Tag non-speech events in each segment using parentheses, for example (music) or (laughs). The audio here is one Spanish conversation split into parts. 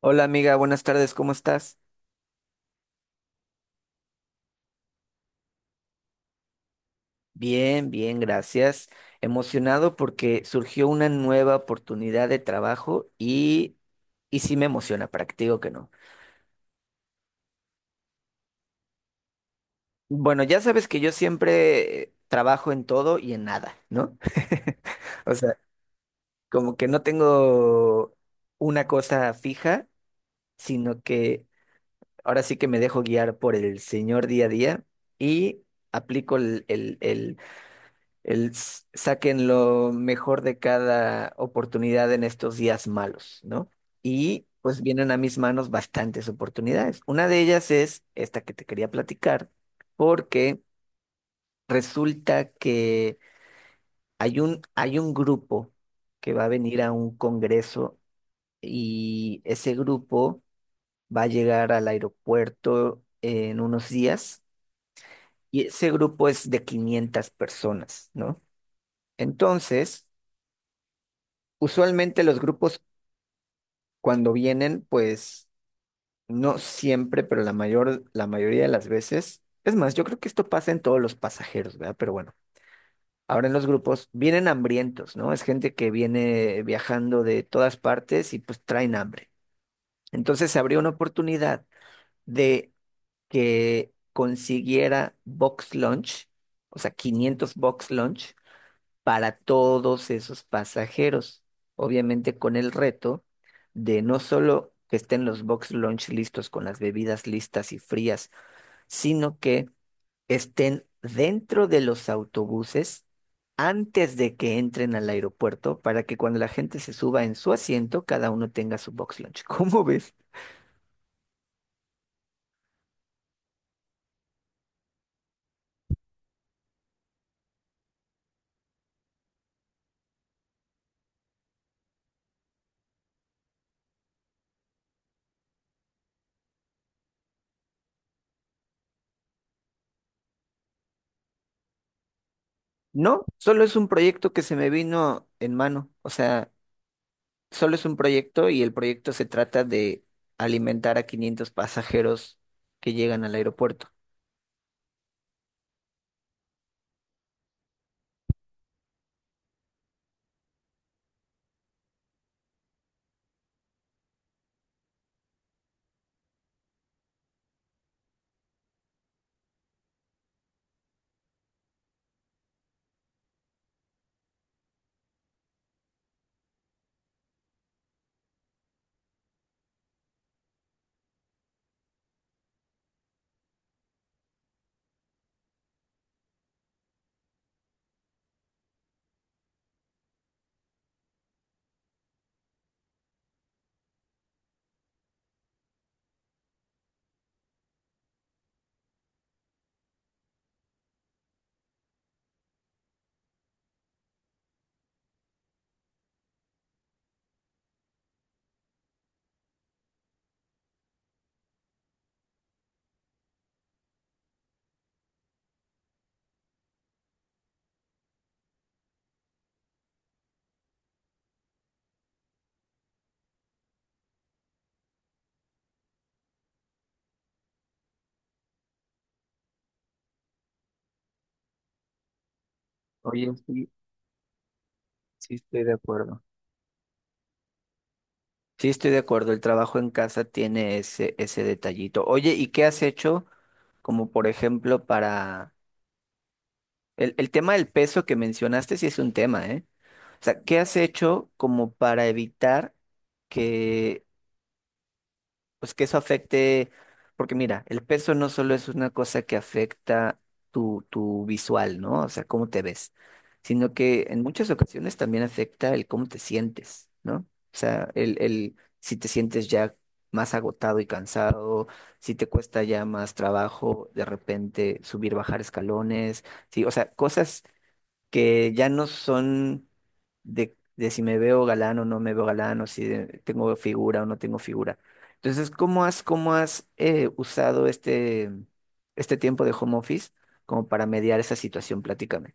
Hola amiga, buenas tardes, ¿cómo estás? Bien, bien, gracias. Emocionado porque surgió una nueva oportunidad de trabajo y sí me emociona, para que te digo que no. Bueno, ya sabes que yo siempre trabajo en todo y en nada, ¿no? (laughs) O sea, como que no tengo una cosa fija, sino que ahora sí que me dejo guiar por el señor día a día y aplico el saquen lo mejor de cada oportunidad en estos días malos, ¿no? Y pues vienen a mis manos bastantes oportunidades. Una de ellas es esta que te quería platicar, porque resulta que hay un grupo que va a venir a un congreso y ese grupo va a llegar al aeropuerto en unos días y ese grupo es de 500 personas, ¿no? Entonces, usualmente los grupos cuando vienen, pues no siempre, pero la mayoría de las veces, es más, yo creo que esto pasa en todos los pasajeros, ¿verdad? Pero bueno, ahora en los grupos vienen hambrientos, ¿no? Es gente que viene viajando de todas partes y pues traen hambre. Entonces se abrió una oportunidad de que consiguiera box lunch, o sea, 500 box lunch para todos esos pasajeros, obviamente con el reto de no solo que estén los box lunch listos con las bebidas listas y frías, sino que estén dentro de los autobuses antes de que entren al aeropuerto para que cuando la gente se suba en su asiento, cada uno tenga su box lunch. (laughs) ¿Cómo ves? No, solo es un proyecto que se me vino en mano. O sea, solo es un proyecto y el proyecto se trata de alimentar a 500 pasajeros que llegan al aeropuerto. Oye, sí, sí estoy de acuerdo. Sí, estoy de acuerdo, el trabajo en casa tiene ese detallito. Oye, ¿y qué has hecho como por ejemplo para el tema del peso que mencionaste, sí es un tema, ¿eh? O sea, ¿qué has hecho como para evitar que pues que eso afecte, porque mira, el peso no solo es una cosa que afecta tu visual, ¿no? O sea, cómo te ves, sino que en muchas ocasiones también afecta el cómo te sientes, ¿no? O sea, el si te sientes ya más agotado y cansado, si te cuesta ya más trabajo de repente subir, bajar escalones, sí, o sea, cosas que ya no son de si me veo galán o no me veo galán, o si tengo figura o no tengo figura. Entonces, ¿cómo has usado este tiempo de home office como para mediar esa situación? Platícame.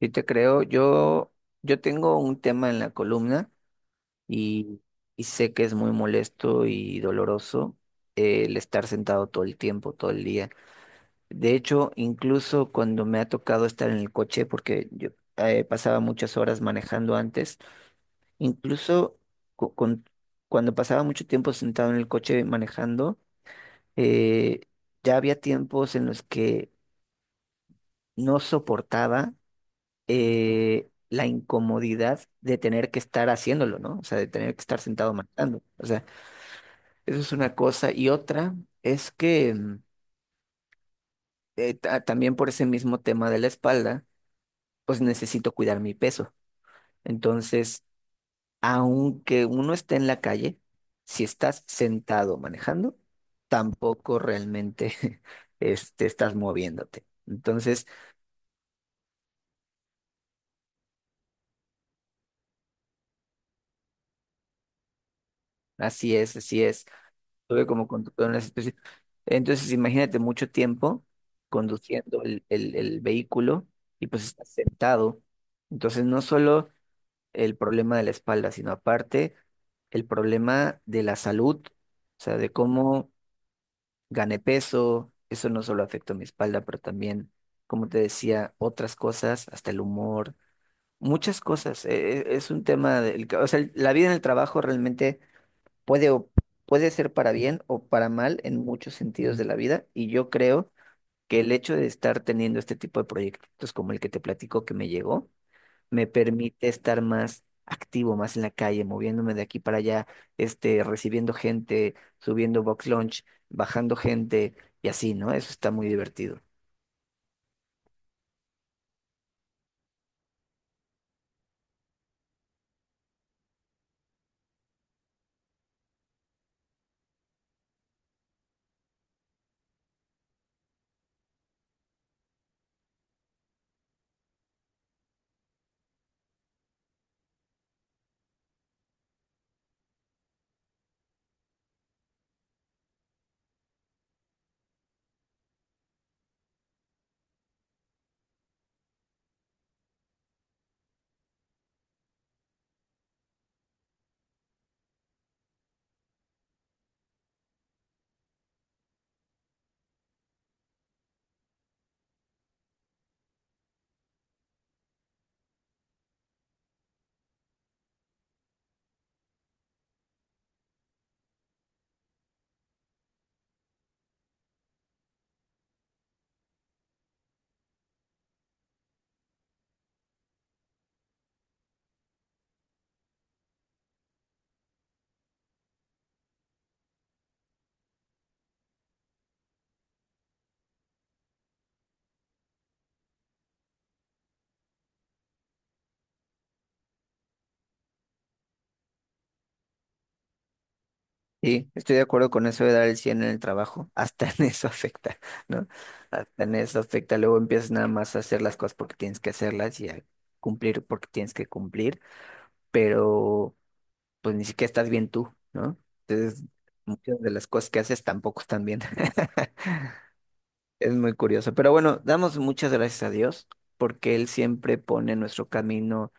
Yo te creo, yo tengo un tema en la columna y, y sé que es muy molesto y doloroso el estar sentado todo el tiempo, todo el día. De hecho, incluso cuando me ha tocado estar en el coche, porque yo pasaba muchas horas manejando antes, incluso cu- con- cuando pasaba mucho tiempo sentado en el coche manejando, eh, ya había tiempos en los que no soportaba la incomodidad de tener que estar haciéndolo, ¿no? O sea, de tener que estar sentado manejando. O sea, eso es una cosa. Y otra es que también por ese mismo tema de la espalda, pues necesito cuidar mi peso. Entonces, aunque uno esté en la calle, si estás sentado manejando, tampoco realmente (laughs) estás moviéndote. Entonces, así es, así es. Estuve como conductor en la situación. Entonces, imagínate mucho tiempo conduciendo el vehículo y pues estás sentado. Entonces, no solo el problema de la espalda, sino aparte el problema de la salud, o sea, de cómo gané peso, eso no solo afectó mi espalda, pero también, como te decía, otras cosas, hasta el humor, muchas cosas. Es un tema del, que- o sea, el- la vida en el trabajo realmente puede, o- puede ser para bien o para mal en muchos sentidos de la vida, y yo creo que el hecho de estar teniendo este tipo de proyectos como el que te platico que me llegó, me permite estar más activo, más en la calle, moviéndome de aquí para allá, recibiendo gente, subiendo box lunch, bajando gente y así, ¿no? Eso está muy divertido. Sí, estoy de acuerdo con eso de dar el 100 en el trabajo. (laughs) Hasta en eso afecta, ¿no? Hasta en eso afecta. Luego empiezas nada más a hacer las cosas porque tienes que hacerlas y a cumplir porque tienes que cumplir, pero pues ni siquiera estás bien tú, ¿no? Entonces, muchas de las cosas que haces tampoco están bien. (laughs) Es muy curioso, pero bueno, damos muchas gracias a Dios porque Él siempre pone en nuestro camino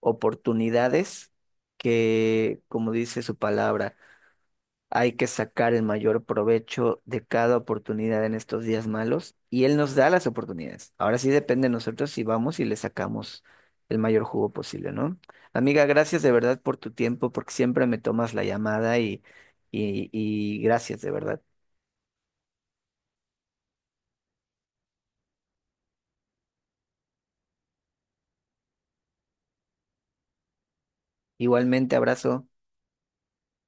oportunidades que, como dice su palabra, hay que sacar el mayor provecho de cada oportunidad en estos días malos y Él nos da las oportunidades. Ahora sí depende de nosotros si vamos y le sacamos el mayor jugo posible, ¿no? Amiga, gracias de verdad por tu tiempo porque siempre me tomas la llamada y gracias de verdad. Igualmente, abrazo.